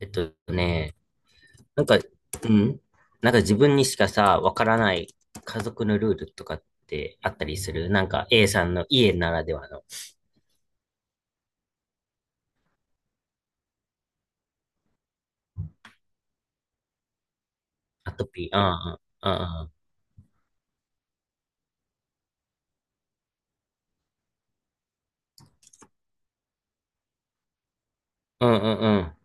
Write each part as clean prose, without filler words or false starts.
えっとね、なんか、うん、なんか自分にしかさ、わからない家族のルールとかってあったりする、なんか A さんの家ならではの。アトピー。うんうんうんうん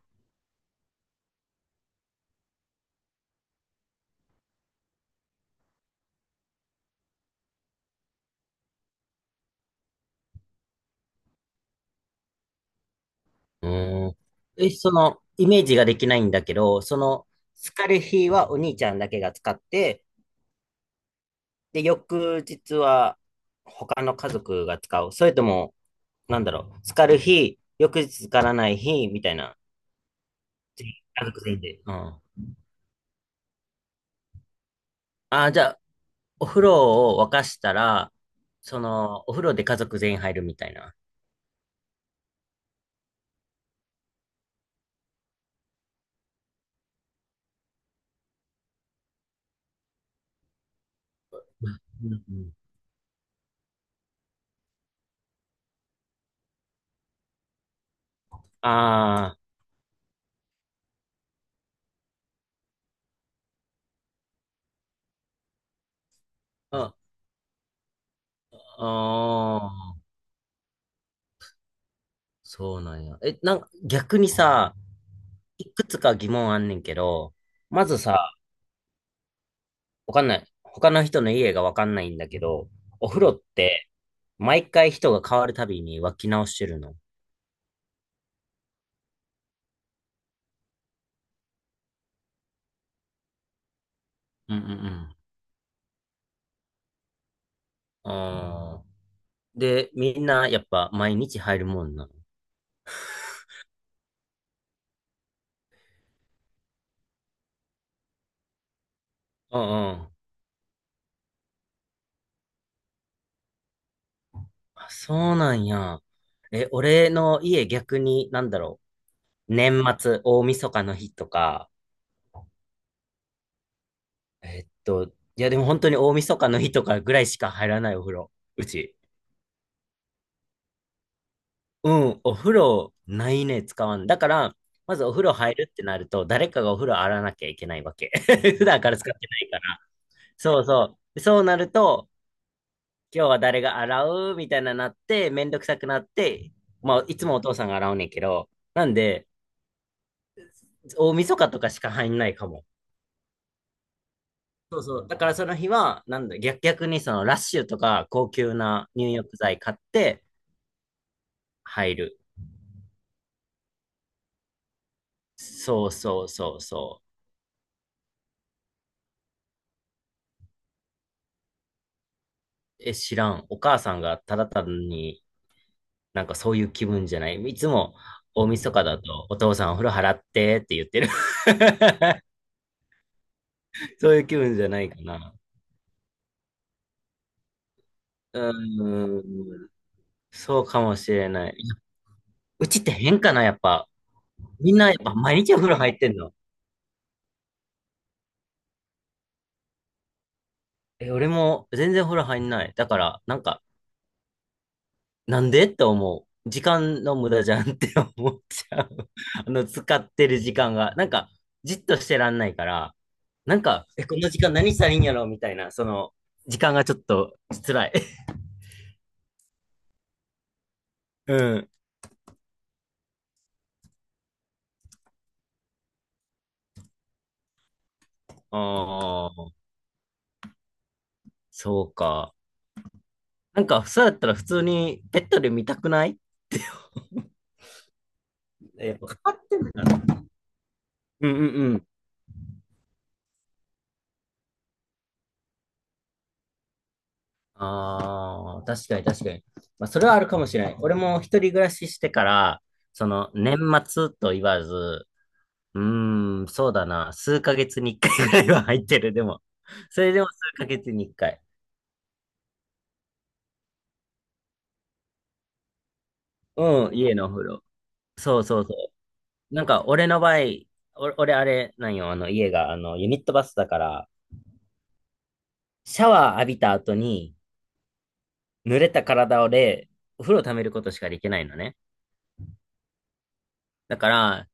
うんうんうんうん。え、その、イメージができないんだけど、その、疲れ日はお兄ちゃんだけが使って、で、翌日は他の家族が使う。それとも、なんだろう、疲れ日、翌日使わない日、みたいな。家族全員で。うん。ああ、じゃあ、お風呂を沸かしたら、その、お風呂で家族全員入るみたいな。うんうん。ああ、あ、ああ、そうなんや。え、なんか、逆にさ、いくつか疑問あんねんけど、まずさ、わかんない。他の人の家がわかんないんだけど、お風呂って、毎回人が変わるたびに沸き直してるの。うんうんうん。ああ、で、みんなやっぱ毎日入るもんなの。うんうん。あ、そうなんや。え、俺の家逆に、なんだろう。年末、大晦日の日とか、えっと、いやでも本当に大晦日の日とかぐらいしか入らないお風呂。うち。うん、お風呂ないね、使わん。だから、まずお風呂入るってなると、誰かがお風呂洗わなきゃいけないわけ。普段から使ってないから。そうそう。そうなると、今日は誰が洗うみたいななって、めんどくさくなって、まあ、いつもお父さんが洗うねんけど、なんで、大晦日とかしか入んないかも。そうそう。だからその日は、なんだ、逆にそのラッシュとか高級な入浴剤買って入る。そうそうそうそう。え、知らん。お母さんがただ単になんかそういう気分じゃない。いつも大晦日だとお父さんお風呂払ってって言ってる。そういう気分じゃないかな。うーん。そうかもしれない。うちって変かな、やっぱ。みんなやっぱ毎日お風呂入ってんの。え、俺も全然お風呂入んない。だから、なんか、なんでって思う。時間の無駄じゃんって 思っちゃう。使ってる時間が。なんか、じっとしてらんないから、なんか、え、この時間何したらいいんやろみたいな、その、時間がちょっと辛い。うん。ああ、そうか。なんか、そうやったら普通にベッドで見たくない。え、やっぱかかってる。うんうんうん。ああ、確かに確かに。まあ、それはあるかもしれない。俺も一人暮らししてから、その、年末と言わず、うーん、そうだな。数ヶ月に一回ぐらいは入ってる、でも。それでも数ヶ月に一回。うん、家のお風呂。そうそうそう。なんか、俺の場合、俺、あれ、なんよ、あの、家が、ユニットバスだから、シャワー浴びた後に、濡れた体で、お風呂溜めることしかできないのね。だから、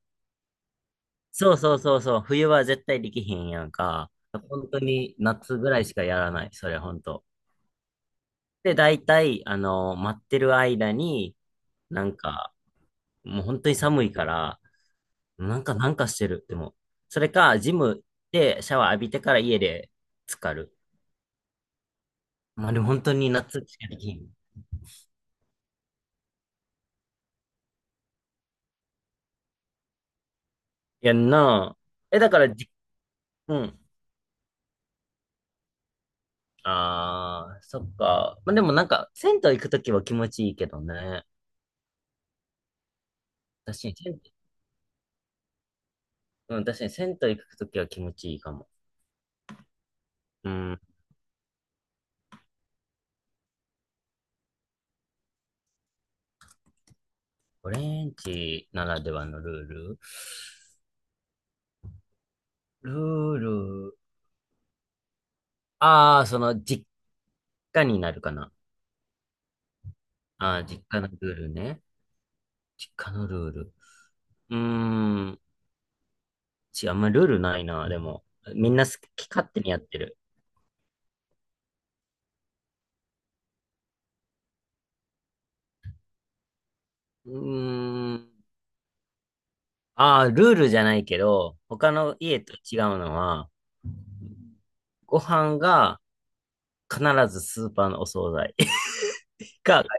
そうそうそうそう、冬は絶対できへんやんか。本当に夏ぐらいしかやらない、それ、本当。で、大体、待ってる間に、なんか、もう本当に寒いから、なんか、なんかしてる。でも、それか、ジムでシャワー浴びてから家で浸かる。まあでも本当に夏しかできへん。いやんなぁ。え、だからじ、うん。ああ、そっか。まあでもなんか、銭湯行くときは気持ちいいけどね。確かに、銭湯。うん、確かに銭湯行くときは気持ちいいかも。うん。オレンジならではのルール。ああ、その、実家になるかな。ああ、実家のルールね。実家のルール。うーん。あんまルールないな、でも。みんな好き勝手にやってる。うーん。ああ、ルールじゃないけど、他の家と違うのは、ご飯が必ずスーパーのお惣菜 か外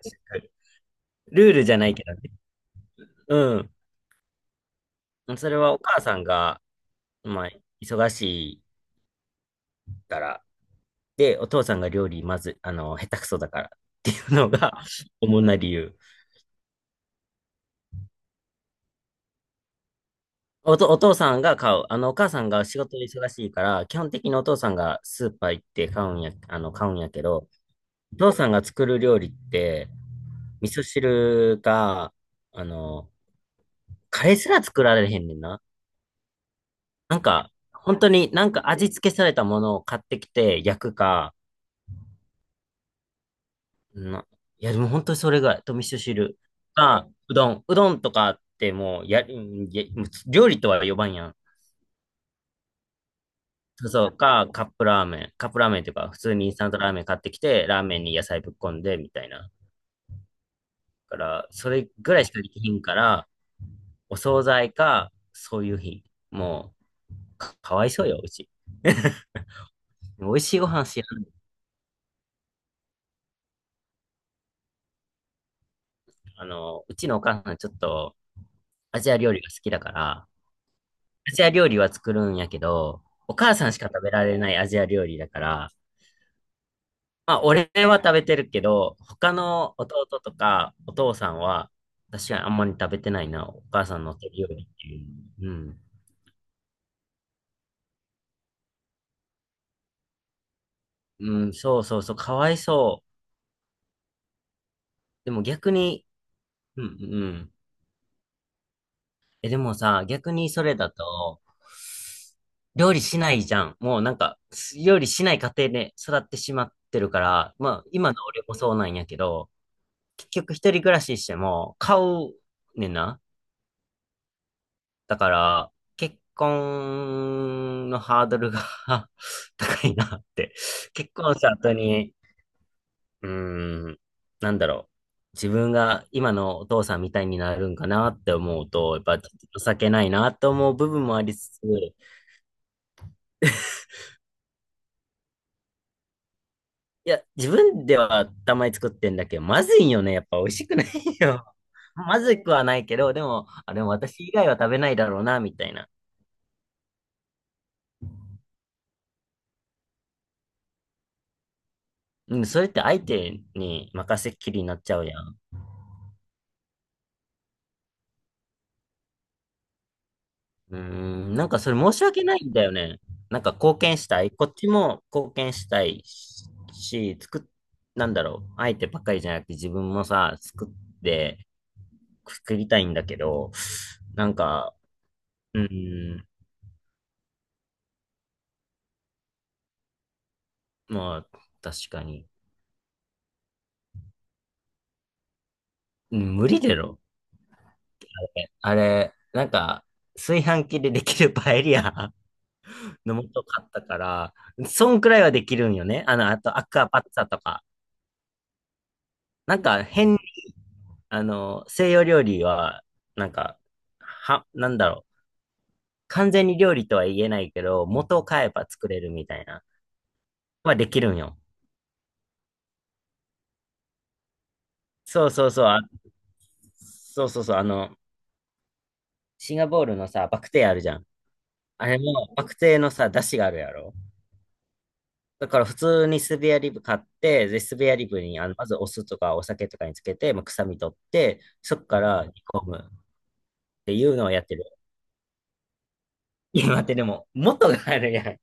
食 ルールじゃないけどね。うん。それはお母さんが、まあ、忙しいから。で、お父さんが料理まず、下手くそだからっていうのが 主な理由。お父さんが買う。お母さんが仕事で忙しいから、基本的にお父さんがスーパー行って買うんや、買うんやけど、お父さんが作る料理って、味噌汁が、あの、カレーすら作られへんねんな。なんか、本当になんか味付けされたものを買ってきて焼くか、な、いや、でも本当にそれぐらい。と味噌汁か、うどん。うどんとかってもう、や、んや料理とは呼ばんやん。そうか、カップラーメン。カップラーメンっていうか、普通にインスタントラーメン買ってきて、ラーメンに野菜ぶっこんで、みたいな。だから、それぐらいしかできひんから、お惣菜か、そういう日。もう、かわいそうよ、うち。美味しいご飯知らん。うちのお母さんちょっと、アジア料理が好きだから、アジア料理は作るんやけど、お母さんしか食べられないアジア料理だから、まあ、俺は食べてるけど、他の弟とかお父さんは、確かにあんまり食べてないな、お母さんの手料理っていう。うん。うん、そうそうそう、かわいそう。でも逆に、うん、うん。え、でもさ、逆にそれだと、料理しないじゃん。もうなんか、料理しない家庭で育ってしまってるから、まあ、今の俺もそうなんやけど、結局一人暮らししても、買うねんな。だから、結婚のハードルが 高いなって。結婚した後に、うーん、なんだろう。自分が今のお父さんみたいになるんかなって思うと、やっぱちょっと情けないなと思う部分もありつつ、いや、自分ではたまに作ってんだけど、まずいよね。やっぱ美味しくないよ。まずくはないけど、でも、あ、でも私以外は食べないだろうな、みたいな。うん、それって相手に任せっきりになっちゃうやん。うーん、なんかそれ申し訳ないんだよね。なんか貢献したい。こっちも貢献したいし、し作っ、なんだろう。相手ばっかりじゃなくて自分もさ、作って、作りたいんだけど、なんか、うーん、まあ、確かに。うん無理だろ。あれ、なんか、炊飯器でできるパエリア の素買ったから、そんくらいはできるんよね。あとアクアパッツァとか。なんか変西洋料理は、なんか、は、なんだろう。完全に料理とは言えないけど、元を買えば作れるみたいな。はできるんよ。そうそうそう。あ、そうそうそう。シンガポールのさ、バクテーあるじゃん。あれも、バクテーのさ、出汁があるやろ。だから普通にスペアリブ買って、で、スペアリブに、まずお酢とかお酒とかにつけて、まあ、臭み取って、そっから煮込むっていうのをやってる。今ってでも、元があるやん。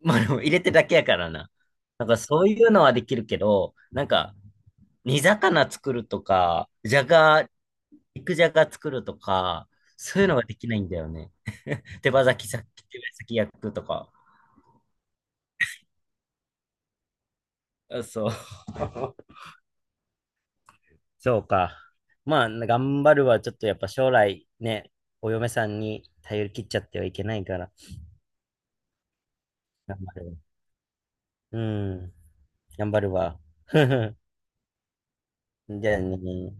まあ、でも入れてるだけやからな。なんかそういうのはできるけど、なんか煮魚作るとか、じゃが、肉じゃが作るとか、そういうのはできないんだよね。手羽先さ、手羽先焼くとか。あそう。そうか。まあ、頑張るはちょっとやっぱ将来ね、お嫁さんに頼り切っちゃってはいけないから、頑張る。うん、頑張るわ。じゃあね。